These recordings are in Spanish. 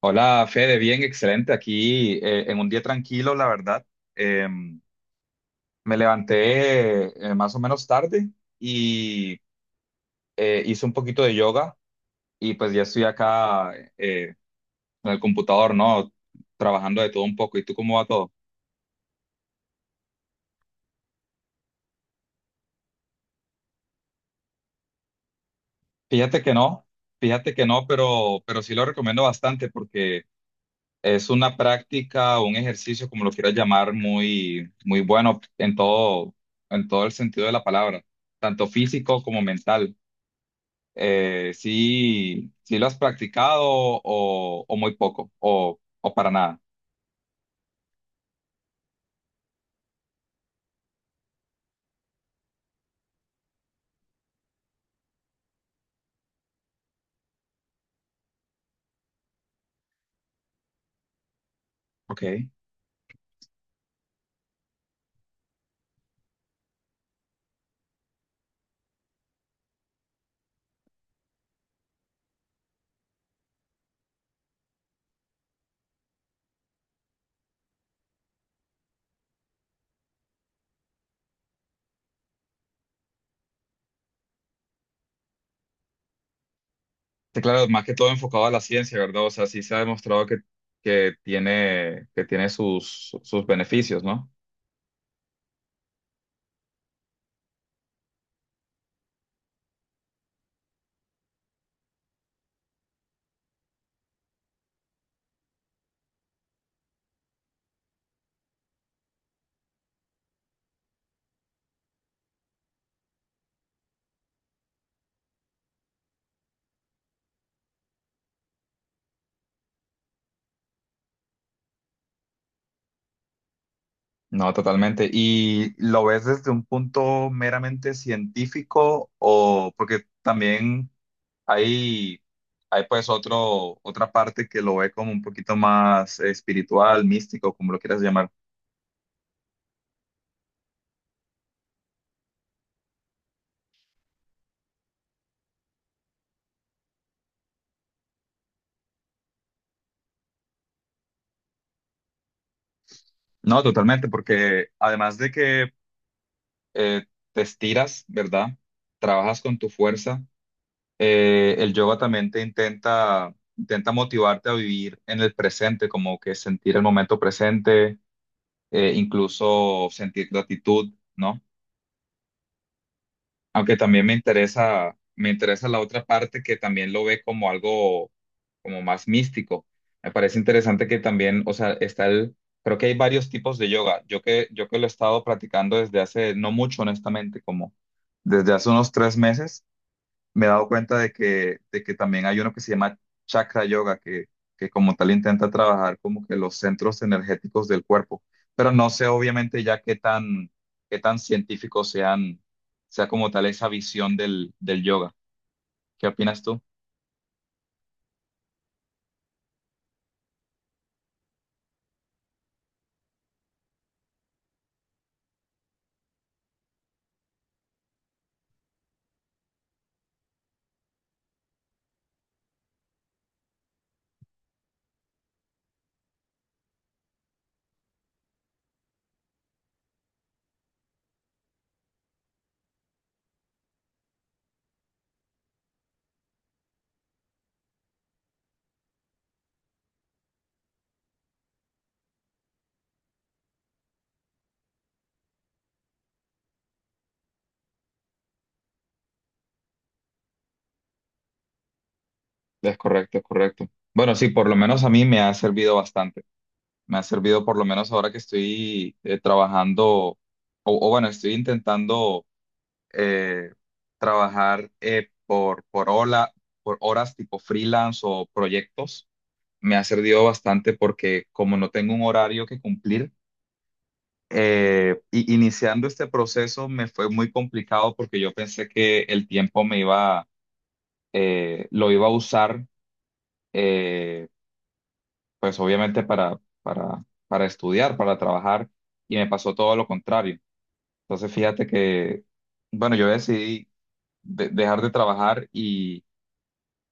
Hola, Fede, bien, excelente. Aquí en un día tranquilo, la verdad. Em, me levanté más o menos tarde y hice un poquito de yoga y pues ya estoy acá en el computador, ¿no? Trabajando de todo un poco. ¿Y tú cómo va todo? Fíjate que no, fíjate que no, pero sí lo recomiendo bastante porque es una práctica, un ejercicio, como lo quieras llamar, muy, muy bueno en todo el sentido de la palabra, tanto físico como mental. Sí, sí lo has practicado o muy poco o para nada. Ok. Sí, claro, más que todo enfocado a la ciencia, ¿verdad? O sea, sí se ha demostrado que tiene sus beneficios, ¿no? No, totalmente. ¿Y lo ves desde un punto meramente científico o porque también hay, hay pues otra parte que lo ve como un poquito más espiritual, místico, como lo quieras llamar? No, totalmente, porque además de que eh, te estiras, ¿verdad? Trabajas con tu fuerza, el yoga también te intenta motivarte a vivir en el presente, como que sentir el momento presente, incluso sentir gratitud, ¿no? Aunque también me interesa la otra parte que también lo ve como algo como más místico. Me parece interesante que también, o sea, creo que hay varios tipos de yoga. Yo que lo he estado practicando desde hace no mucho, honestamente, como desde hace unos 3 meses me he dado cuenta de que también hay uno que se llama chakra yoga, que como tal intenta trabajar como que los centros energéticos del cuerpo, pero no sé obviamente ya qué tan científico sea como tal esa visión del yoga. ¿Qué opinas tú? Es correcto, es correcto. Bueno, sí, por lo menos a mí me ha servido bastante. Me ha servido por lo menos ahora que estoy trabajando, o bueno, estoy intentando eh, trabajar por horas tipo freelance o proyectos. Me ha servido bastante porque como no tengo un horario que cumplir, y iniciando este proceso me fue muy complicado porque yo pensé que el tiempo me iba, lo iba a usar, eh, pues obviamente para estudiar, para trabajar, y me pasó todo lo contrario. Entonces fíjate que, bueno, yo decidí dejar de trabajar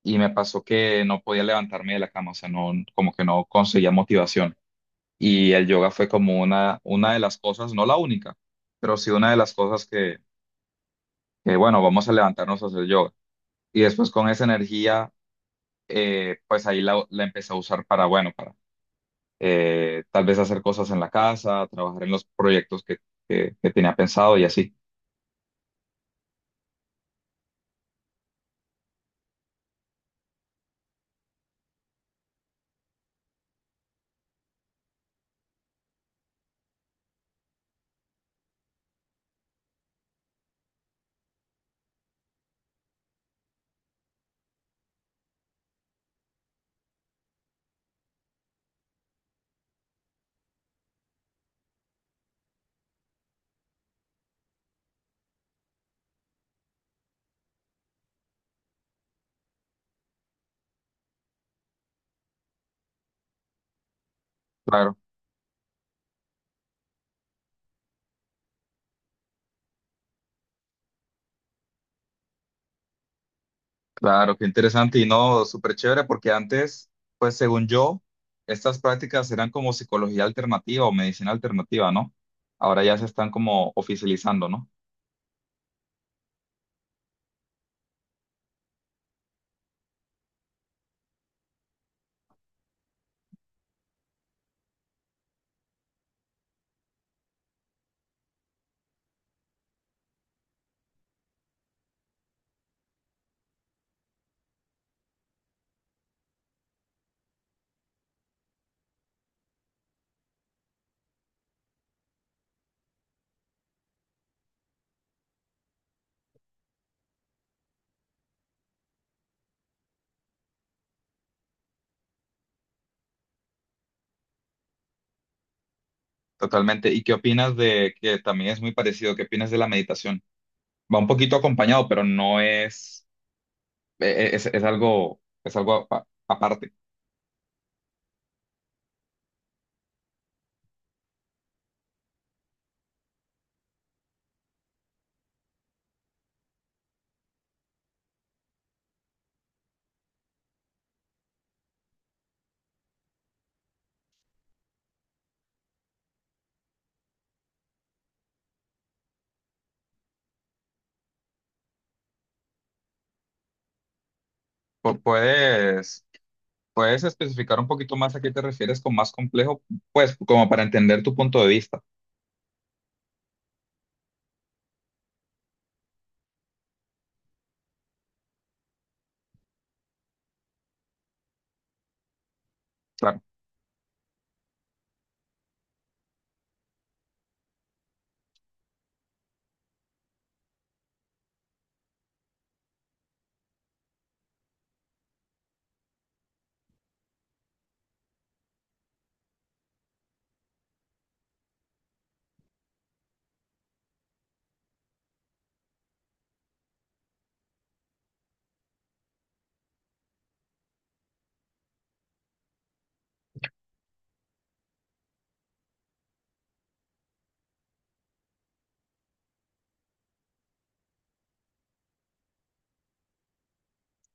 y me pasó que no podía levantarme de la cama, o sea, no, como que no conseguía motivación. Y el yoga fue como una de las cosas, no la única, pero sí una de las cosas que, bueno, vamos a levantarnos a hacer yoga. Y después con esa energía, pues ahí la empecé a usar para, bueno, para tal vez hacer cosas en la casa, trabajar en los proyectos que tenía pensado y así. Claro. Claro, qué interesante y no, súper chévere, porque antes, pues según yo, estas prácticas eran como psicología alternativa o medicina alternativa, ¿no? Ahora ya se están como oficializando, ¿no? Totalmente. ¿Y qué opinas de que también es muy parecido? ¿Qué opinas de la meditación? Va un poquito acompañado, pero no es, es algo aparte. Pu- Puedes, puedes especificar un poquito más a qué te refieres con más complejo, pues como para entender tu punto de vista. Claro.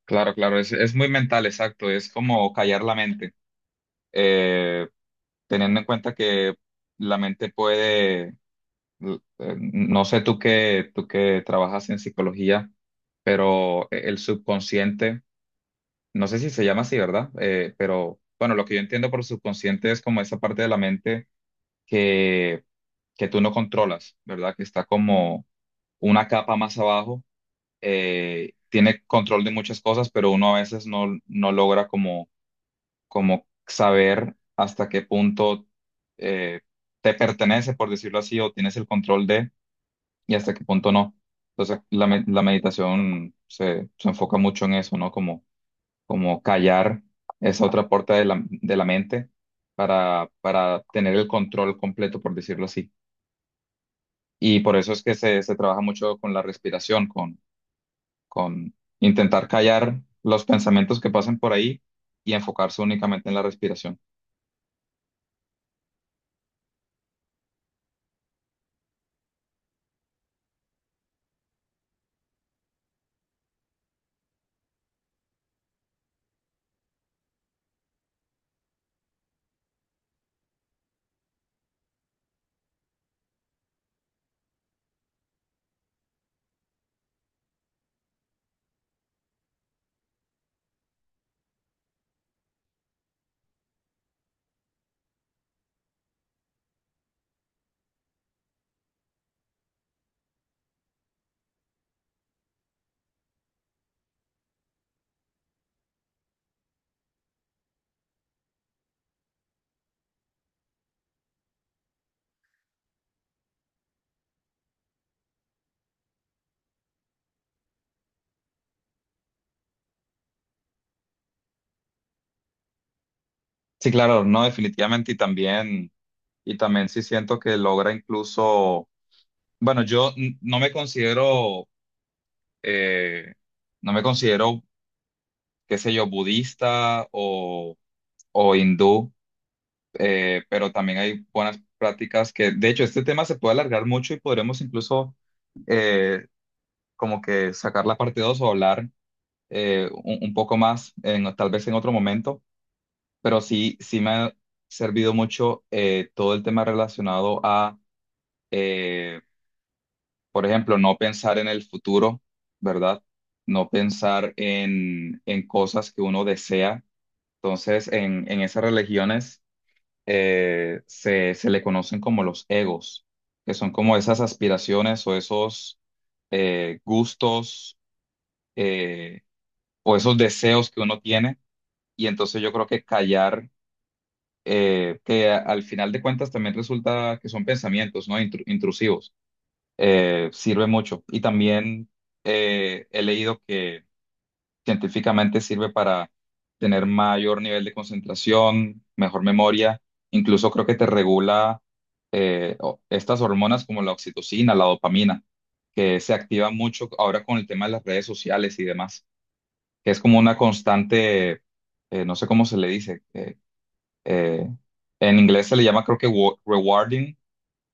Claro, claro, es muy mental, exacto, es como callar la mente, Eh, teniendo en cuenta que la mente puede, no sé tú que trabajas en psicología, pero el subconsciente, no sé si se llama así, ¿verdad? Pero bueno, lo que yo entiendo por subconsciente es como esa parte de la mente que, que tú no controlas, ¿verdad? Que está como una capa más abajo, tiene control de muchas cosas, pero uno a veces no logra como saber hasta qué punto eh, te pertenece, por decirlo así, o tienes el control de, y hasta qué punto no. Entonces, la meditación se enfoca mucho en eso, ¿no? Como callar esa otra puerta de la mente para tener el control completo, por decirlo así. Y por eso es que se trabaja mucho con la respiración, con intentar callar los pensamientos que pasen por ahí y enfocarse únicamente en la respiración. Sí, claro, no, definitivamente y y también sí siento que logra incluso, bueno, yo eh, no me considero, qué sé yo, budista o hindú, pero también hay buenas prácticas que, de hecho, este tema se puede alargar mucho y podremos incluso eh, como que sacar la parte 2 o hablar un poco más, tal vez en otro momento, pero sí, sí me ha servido mucho todo el tema relacionado a eh, por ejemplo, no pensar en el futuro, ¿verdad? No pensar en cosas que uno desea. Entonces, en esas religiones se le conocen como los egos, que son como esas aspiraciones o esos gustos eh, o esos deseos que uno tiene. Y entonces yo creo que callar, que al final de cuentas también resulta que son pensamientos, ¿no? Intrusivos, sirve mucho. Y también he leído que científicamente sirve para tener mayor nivel de concentración, mejor memoria, incluso creo que te regula estas hormonas como la oxitocina, la dopamina, que se activa mucho ahora con el tema de las redes sociales y demás, que es como una constante, no sé cómo se le dice, eh, en inglés se le llama creo que rewarding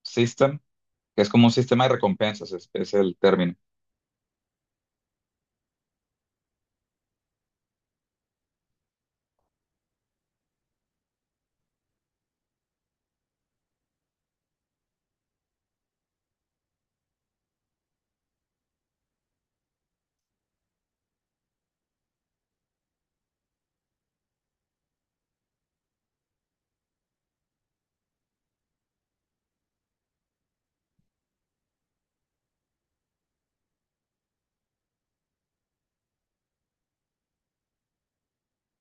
system, que es como un sistema de recompensas, es el término.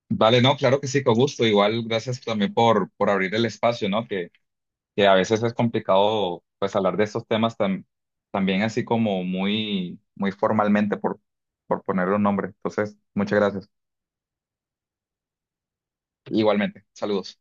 Vale, no, claro que sí, con gusto. Igual, gracias también por abrir el espacio, ¿no? Que a veces es complicado, pues, hablar de estos temas tan, también así como muy, muy formalmente, por ponerle un nombre. Entonces, muchas gracias. Igualmente, saludos.